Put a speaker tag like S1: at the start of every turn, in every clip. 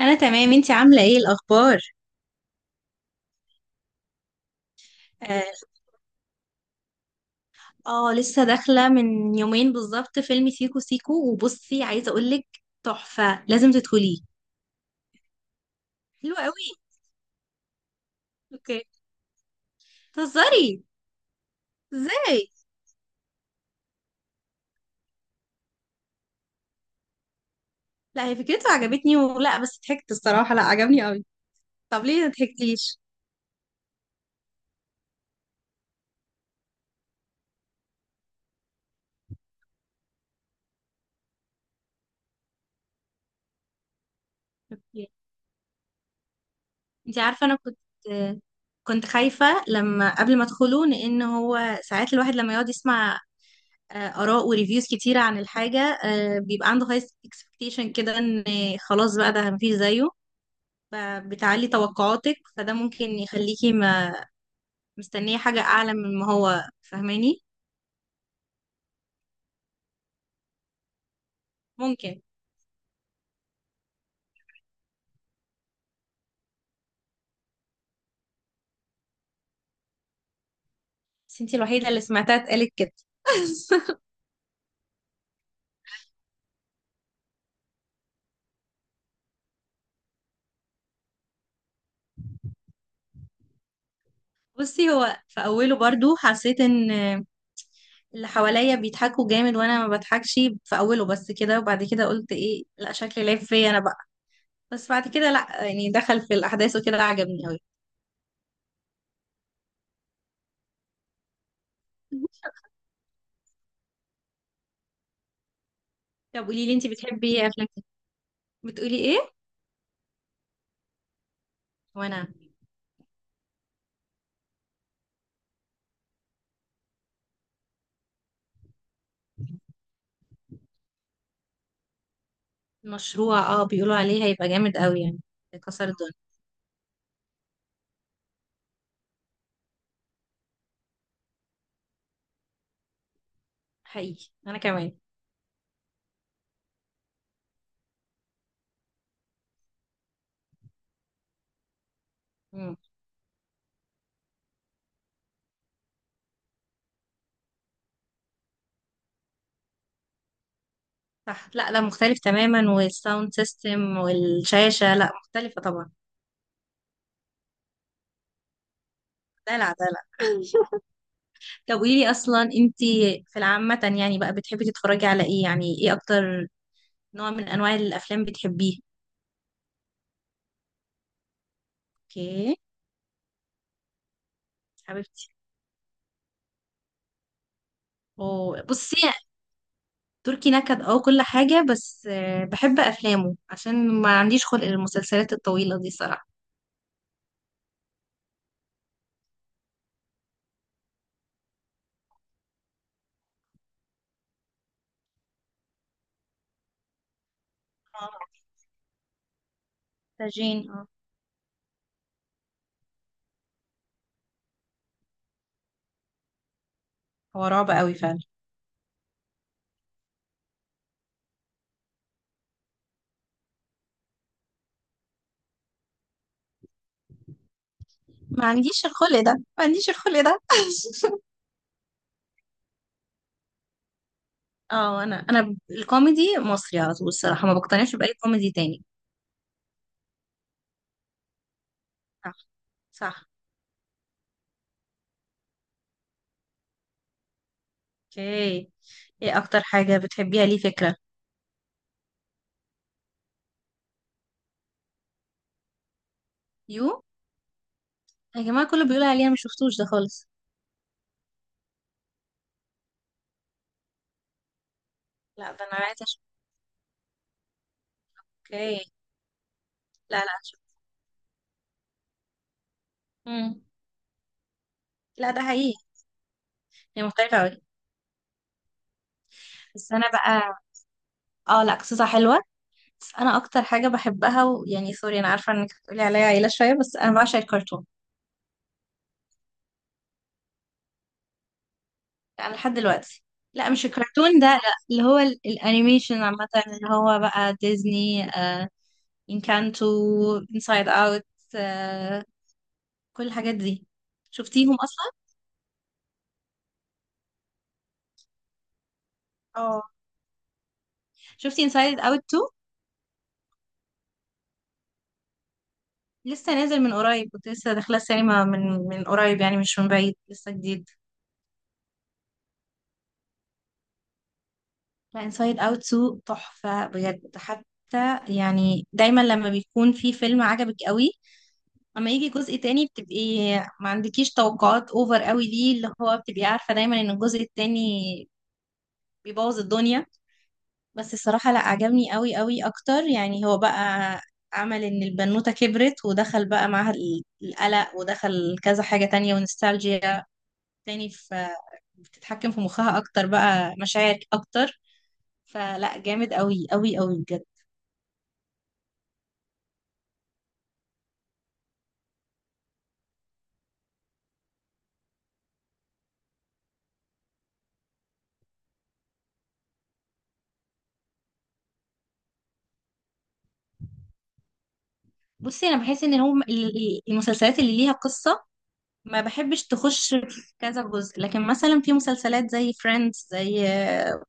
S1: انا تمام، انتي عامله ايه الاخبار؟ اه. لسه داخله من يومين بالظبط فيلم سيكو سيكو. وبصي عايزه اقولك، تحفه لازم تدخليه. حلو قوي. اوكي. تهزري؟ ازاي؟ لا، هي فكرته عجبتني، ولا بس ضحكت؟ الصراحه لا، عجبني قوي. طب ليه ما ضحكتيش؟ اوكي. انتي عارفه، انا كنت خايفه لما قبل ما ادخله، لان هو ساعات الواحد لما يقعد يسمع آراء وريفيوز كتيرة عن الحاجة، بيبقى عنده هاي اكسبكتيشن كده ان خلاص بقى ده مفيش زيه. فبتعلي توقعاتك، فده ممكن يخليكي ما مستنية حاجة أعلى من ما هو، فاهماني؟ ممكن. بس انتي الوحيدة اللي سمعتها اتقالت كده. بصي، هو في أوله برضو حسيت ان اللي حواليا بيضحكوا جامد وانا ما بضحكش. في أوله بس كده، وبعد كده قلت ايه، لا شكلي لعب فيا انا بقى. بس بعد كده لا، يعني دخل في الأحداث وكده، عجبني أوي. طب قولي لي، انت بتحبي ايه افلام كده؟ بتقولي ايه؟ وانا. المشروع، اه، بيقولوا عليه هيبقى جامد قوي يعني، كسر الدنيا. حقيقي انا كمان. مم. صح، لا لا، مختلف تماما، والساوند سيستم والشاشة لا، مختلفة طبعا. دلع دلع. طب قولي لي اصلا، انت في العامة يعني بقى بتحبي تتفرجي على ايه؟ يعني ايه اكتر نوع من انواع الافلام بتحبيه؟ اوكي. حبيبتي. أوه. بصي، تركي نكد، اه، كل حاجة. بس بحب أفلامه عشان ما عنديش خلق للمسلسلات الطويلة دي صراحة. اه. سجين، اه. هو رعب قوي فعلا. ما عنديش الخلق ده، ما عنديش الخلق ده. اه، أنا الكوميدي مصري على طول، الصراحة ما بقتنعش بأي كوميدي تاني. صح. صح. اوكي. ايه اكتر حاجة بتحبيها؟ ليه؟ فكرة. يو. يا جماعة، كله بيقول عليه، أنا مش شفتوش ده خالص. لا، ده انا عايزة اشوف. اوكي. لا لا، اشوف. مم. لا، ده حقيقي. هي مختلفة أوي. بس أنا بقى. اه لا، قصتها حلوة. بس انا اكتر حاجه بحبها، ويعني سوري انا عارفه انك هتقولي عليا عيله شويه، بس انا بعشق الكرتون. انا لحد دلوقتي. لا، مش الكرتون ده، لا. اللي هو الانيميشن عامه، اللي هو بقى ديزني. انكانتو، انسايد اوت، آه كل الحاجات دي. شفتيهم اصلا؟ اه، شفتي انسايد اوت 2؟ لسه نازل من قريب، كنت لسه داخله السينما من قريب، يعني مش من بعيد، لسه جديد. لا، انسايد اوت 2 تحفه بجد. حتى يعني دايما لما بيكون في فيلم عجبك قوي، اما يجي جزء تاني بتبقي ما عندكيش توقعات اوفر قوي، ليه؟ اللي هو بتبقي عارفة دايما ان الجزء التاني بيبوظ الدنيا. بس الصراحة لا، عجبني قوي قوي اكتر. يعني هو بقى عمل ان البنوتة كبرت، ودخل بقى معاها القلق، ودخل كذا حاجة تانية، ونستالجيا تاني في بتتحكم في مخها، اكتر بقى مشاعر اكتر. فلا، جامد قوي قوي قوي بجد. بصي، انا بحس ان هم المسلسلات اللي ليها قصة ما بحبش تخش في كذا جزء. لكن مثلا في مسلسلات زي فريندز، زي آه،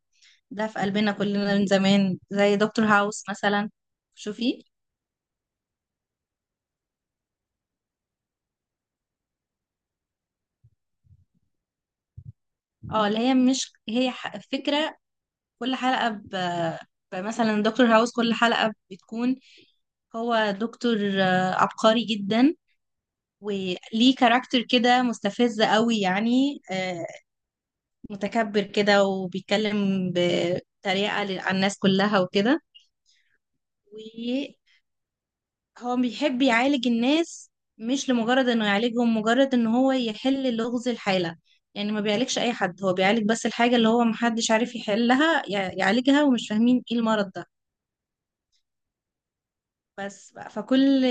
S1: ده في قلبنا كلنا من زمان، زي دكتور هاوس مثلا. شوفي. اه، اللي هي مش، هي فكرة كل حلقة مثلا دكتور هاوس، كل حلقة بتكون، هو دكتور عبقري جدا، وليه كاركتر كده مستفز قوي يعني، متكبر كده وبيتكلم بطريقة على الناس كلها وكده. هو بيحب يعالج الناس، مش لمجرد انه يعالجهم، مجرد ان هو يحل لغز الحالة. يعني ما بيعالجش اي حد، هو بيعالج بس الحاجة اللي هو محدش عارف يحلها، يعالجها، ومش فاهمين ايه المرض ده. بس بقى فكل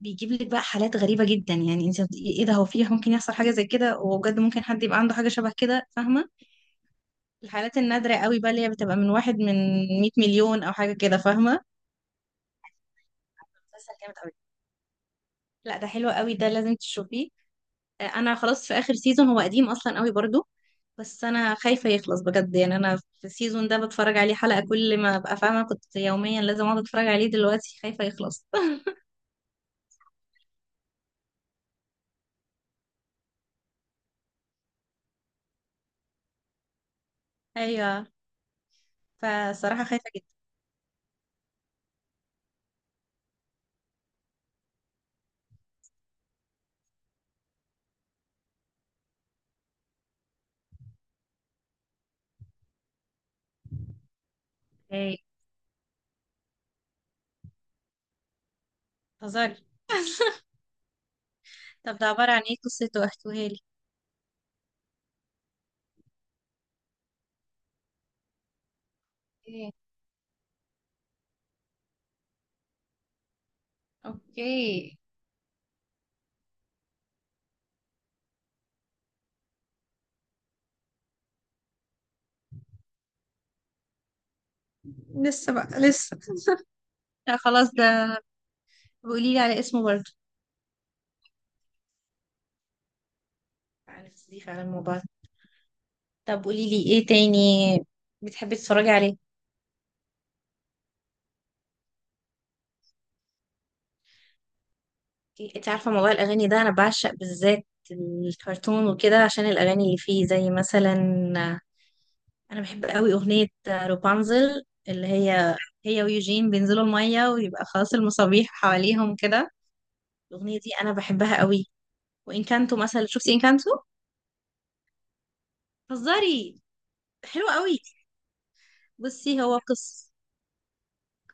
S1: بيجيب لك بقى حالات غريبة جدا. يعني انت ايه ده، هو فيه ممكن يحصل حاجة زي كده؟ وبجد ممكن حد يبقى عنده حاجة شبه كده، فاهمة؟ الحالات النادرة قوي بقى، اللي هي بتبقى من واحد من 100 مليون او حاجة كده، فاهمة؟ مسلسل جامد قوي. لا، ده حلو قوي، ده لازم تشوفيه. انا خلاص في اخر سيزون، هو قديم اصلا قوي برضو. بس انا خايفه يخلص بجد، يعني انا في السيزون ده بتفرج عليه حلقه كل ما ابقى فاهمه، كنت يوميا لازم اقعد اتفرج عليه، دلوقتي خايفه يخلص. ايوه. فصراحه خايفه جدا. ايه؟ هزاري. طب ده عباره عن ايه؟ قصته احكوها لي. ايه؟ اوكي. لسه لا، خلاص ده. قولي لي على اسمه برضو. عارف، دي فعلا الموبايل. طب قولي لي ايه تاني بتحبي تتفرجي عليه؟ انت عارفة موضوع الأغاني ده، أنا بعشق بالذات الكرتون وكده عشان الأغاني اللي فيه، زي مثلا أنا بحب قوي أغنية روبانزل، اللي هي ويوجين بينزلوا المية ويبقى خلاص المصابيح حواليهم كده. الأغنية دي أنا بحبها قوي. وإنكانتو مثلا، شفتي إنكانتو؟ هزاري. حلو قوي. بصي، هو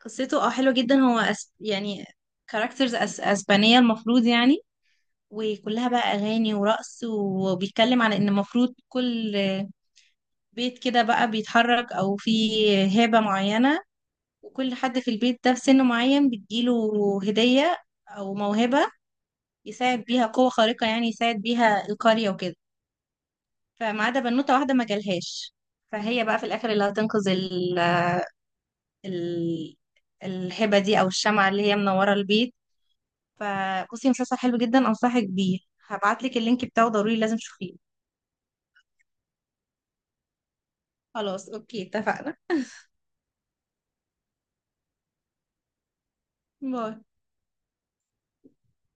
S1: قصته حلوة جدا. هو يعني كاركترز أسبانية المفروض، يعني. وكلها بقى أغاني ورقص، وبيتكلم على إن المفروض كل بيت كده بقى بيتحرك او فيه هبة معينة، وكل حد في البيت ده في سن معين بتجيله هدية او موهبة، يساعد بيها قوة خارقة، يعني يساعد بيها القرية وكده. فما عدا بنوتة واحدة ما جالهاش، فهي بقى في الاخر اللي هتنقذ ال... الهبة دي، او الشمعة اللي هي منورة البيت. فبصي، مسلسل حلو جدا، انصحك بيه. هبعتلك اللينك بتاعه ضروري، لازم تشوفيه. خلاص اوكي، اتفقنا. باي.